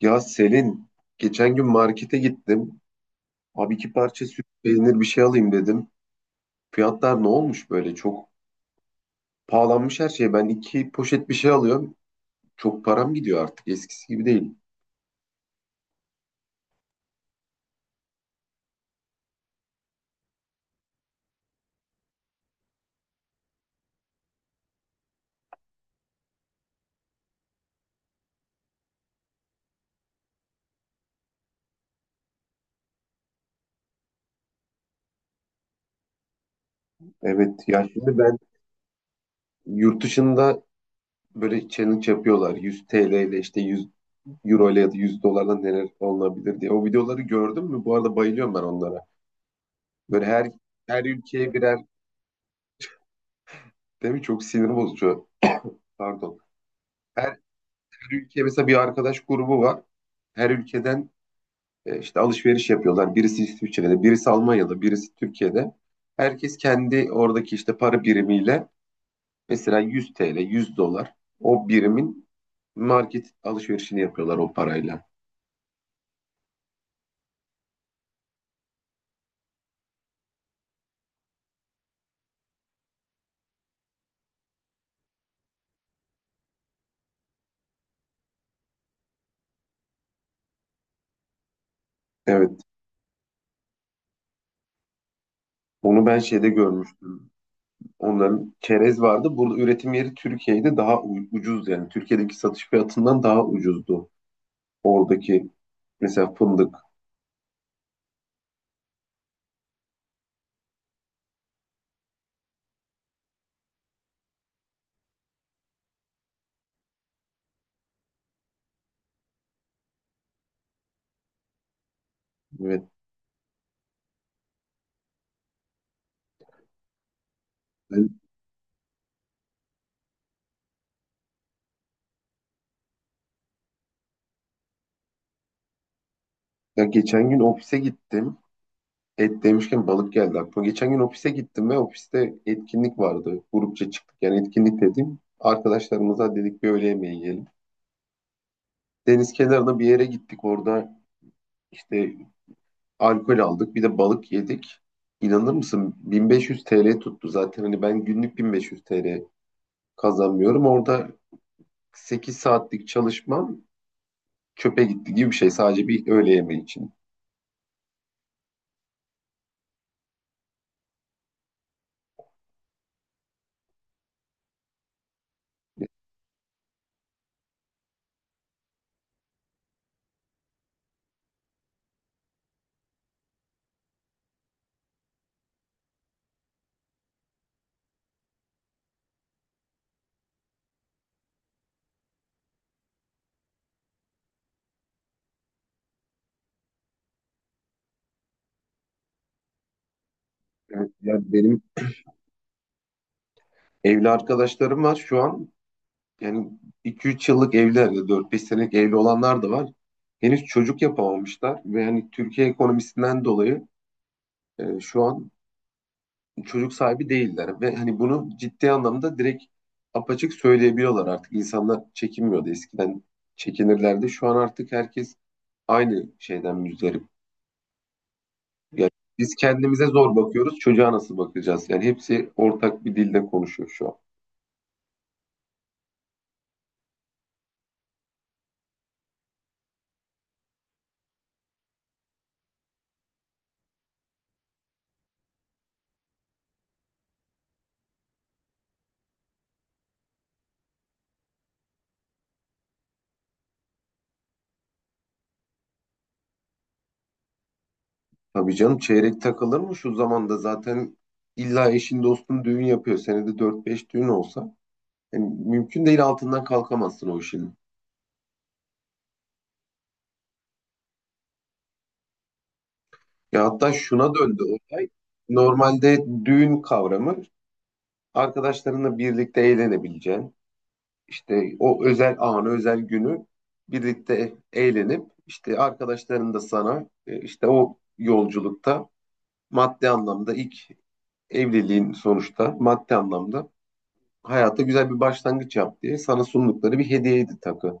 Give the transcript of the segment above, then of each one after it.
Ya Selin, geçen gün markete gittim. Abi iki parça süt peynir bir şey alayım dedim. Fiyatlar ne olmuş böyle? Çok pahalanmış her şey. Ben iki poşet bir şey alıyorum. Çok param gidiyor artık. Eskisi gibi değil. Evet ya şimdi ben yurt dışında böyle challenge yapıyorlar. 100 TL ile işte 100 euro ile ya da 100 dolarla neler olabilir diye. O videoları gördün mü? Bu arada bayılıyorum ben onlara. Böyle her ülkeye birer değil mi? Çok sinir bozucu. Pardon. Her Her ülke mesela bir arkadaş grubu var. Her ülkeden işte alışveriş yapıyorlar. Birisi İsviçre'de, birisi Almanya'da, birisi Türkiye'de. Herkes kendi oradaki işte para birimiyle mesela 100 TL, 100 dolar o birimin market alışverişini yapıyorlar o parayla. Evet. Onu ben şeyde görmüştüm. Onların çerez vardı. Burada üretim yeri Türkiye'de daha ucuz yani. Türkiye'deki satış fiyatından daha ucuzdu. Oradaki mesela fındık. Evet. Ben- ya geçen gün ofise gittim. Et demişken balık geldi aklıma. Geçen gün ofise gittim ve ofiste etkinlik vardı. Grupça çıktık. Yani etkinlik dediğim arkadaşlarımıza dedik bir öğle yemeği yiyelim. Deniz kenarına bir yere gittik. Orada işte alkol aldık. Bir de balık yedik. İnanır mısın? 1500 TL tuttu. Zaten hani ben günlük 1500 TL kazanmıyorum. Orada 8 saatlik çalışmam çöpe gitti gibi bir şey. Sadece bir öğle yemeği için. Evet, yani benim evli arkadaşlarım var şu an. Yani iki üç yıllık evliler ya dört beş senelik evli olanlar da var. Henüz çocuk yapamamışlar ve hani Türkiye ekonomisinden dolayı şu an çocuk sahibi değiller ve hani bunu ciddi anlamda direkt apaçık söyleyebiliyorlar artık. İnsanlar çekinmiyordu. Eskiden çekinirlerdi. Şu an artık herkes aynı şeyden müzdarip. Yani biz kendimize zor bakıyoruz. Çocuğa nasıl bakacağız? Yani hepsi ortak bir dilde konuşuyor şu an. Tabii canım çeyrek takılır mı şu zamanda zaten illa eşin dostun düğün yapıyor. Senede dört beş düğün olsa yani mümkün değil altından kalkamazsın o işin. Ya hatta şuna döndü olay. Normalde düğün kavramı arkadaşlarınla birlikte eğlenebileceğin işte o özel anı özel günü birlikte eğlenip işte arkadaşların da sana işte o yolculukta maddi anlamda ilk evliliğin sonuçta maddi anlamda hayata güzel bir başlangıç yap diye sana sundukları bir hediyeydi takı.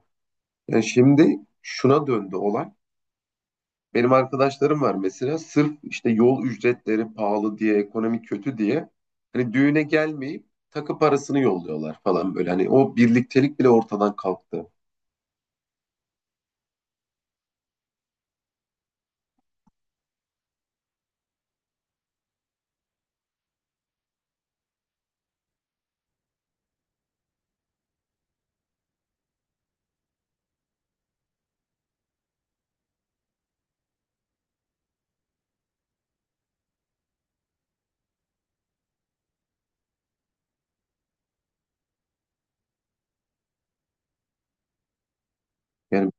Yani şimdi şuna döndü olay. Benim arkadaşlarım var mesela sırf işte yol ücretleri pahalı diye, ekonomi kötü diye hani düğüne gelmeyip takı parasını yolluyorlar falan böyle. Hani o birliktelik bile ortadan kalktı. Yani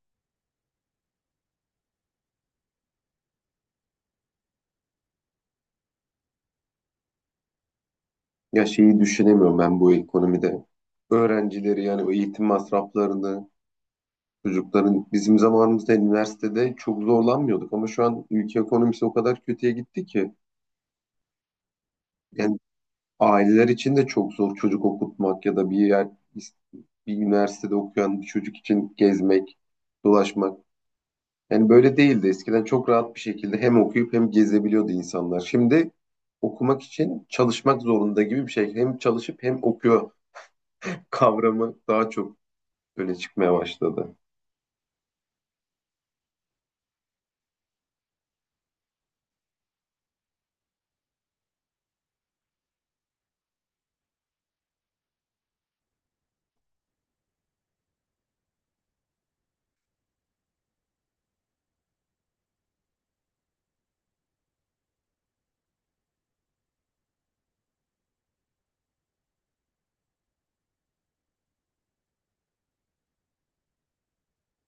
ya şeyi düşünemiyorum ben bu ekonomide. Öğrencileri yani o eğitim masraflarını çocukların bizim zamanımızda üniversitede çok zorlanmıyorduk ama şu an ülke ekonomisi o kadar kötüye gitti ki yani aileler için de çok zor çocuk okutmak ya da bir yer bir üniversitede okuyan bir çocuk için gezmek, dolaşmak. Yani böyle değildi. Eskiden çok rahat bir şekilde hem okuyup hem gezebiliyordu insanlar. Şimdi okumak için çalışmak zorunda gibi bir şey. Hem çalışıp hem okuyor kavramı daha çok öne çıkmaya başladı.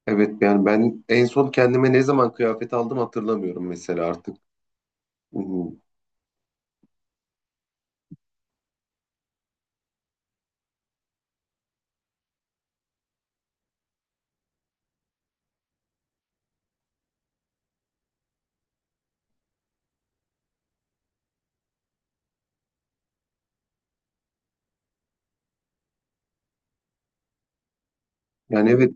Evet yani ben en son kendime ne zaman kıyafet aldım hatırlamıyorum mesela artık. Hı hı. Yani evet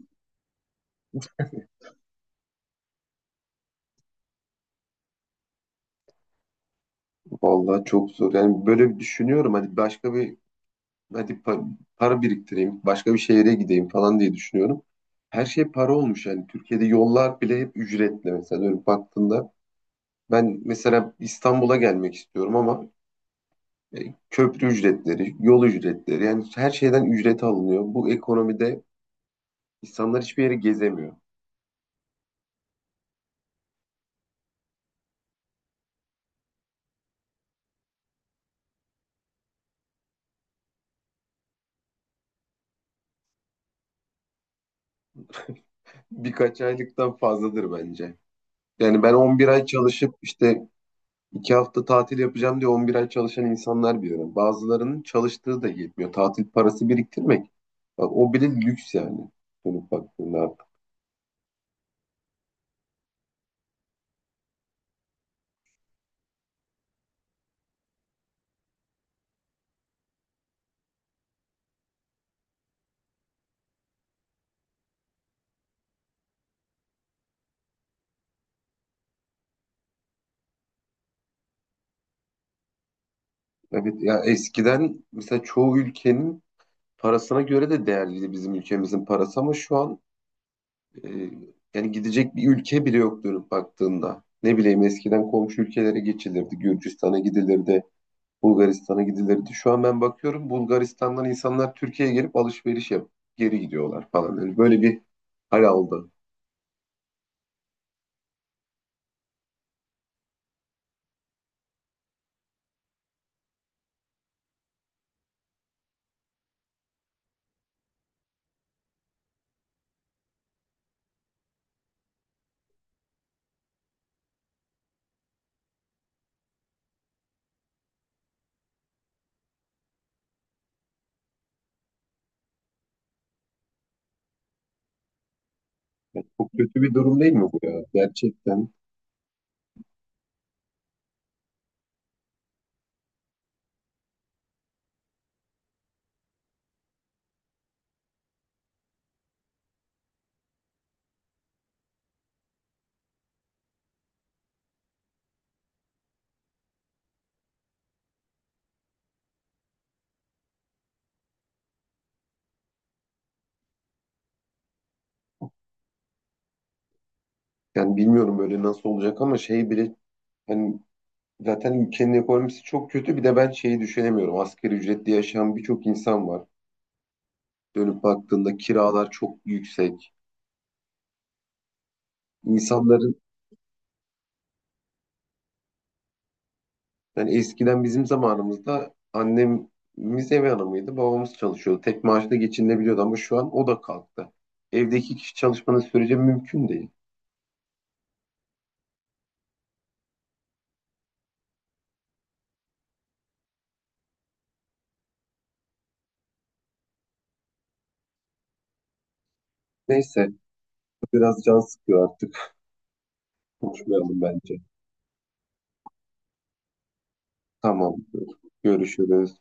vallahi çok zor. Yani böyle bir düşünüyorum hadi para biriktireyim, başka bir şehre gideyim falan diye düşünüyorum. Her şey para olmuş yani Türkiye'de yollar bile hep ücretli mesela dönüp baktığında. Ben mesela İstanbul'a gelmek istiyorum ama köprü ücretleri, yol ücretleri yani her şeyden ücret alınıyor. Bu ekonomide insanlar hiçbir yere gezemiyor. Birkaç aylıktan fazladır bence. Yani ben 11 ay çalışıp işte 2 hafta tatil yapacağım diye 11 ay çalışan insanlar biliyorum. Bazılarının çalıştığı da yetmiyor. Tatil parası biriktirmek. Bak, o bile lüks yani. Dönüp baktığında artık. Evet ya eskiden mesela çoğu ülkenin parasına göre de değerliydi bizim ülkemizin parası ama şu an e, yani gidecek bir ülke bile yok dönüp baktığında. Ne bileyim eskiden komşu ülkelere geçilirdi. Gürcistan'a gidilirdi. Bulgaristan'a gidilirdi. Şu an ben bakıyorum Bulgaristan'dan insanlar Türkiye'ye gelip alışveriş yapıp geri gidiyorlar falan. Yani böyle bir hal aldı. Yani çok kötü bir durum değil mi bu ya? Gerçekten. Yani bilmiyorum böyle nasıl olacak ama şey bile hani zaten ülkenin ekonomisi çok kötü. Bir de ben şeyi düşünemiyorum. Asgari ücretli yaşayan birçok insan var. Dönüp baktığında kiralar çok yüksek. İnsanların yani eskiden bizim zamanımızda annemiz ev hanımıydı, babamız çalışıyordu. Tek maaşla geçinebiliyordu ama şu an o da kalktı. Evde iki kişi çalışmanın sürece mümkün değil. Neyse, biraz can sıkıyor artık. Konuşmayalım bence. Tamam, görüşürüz.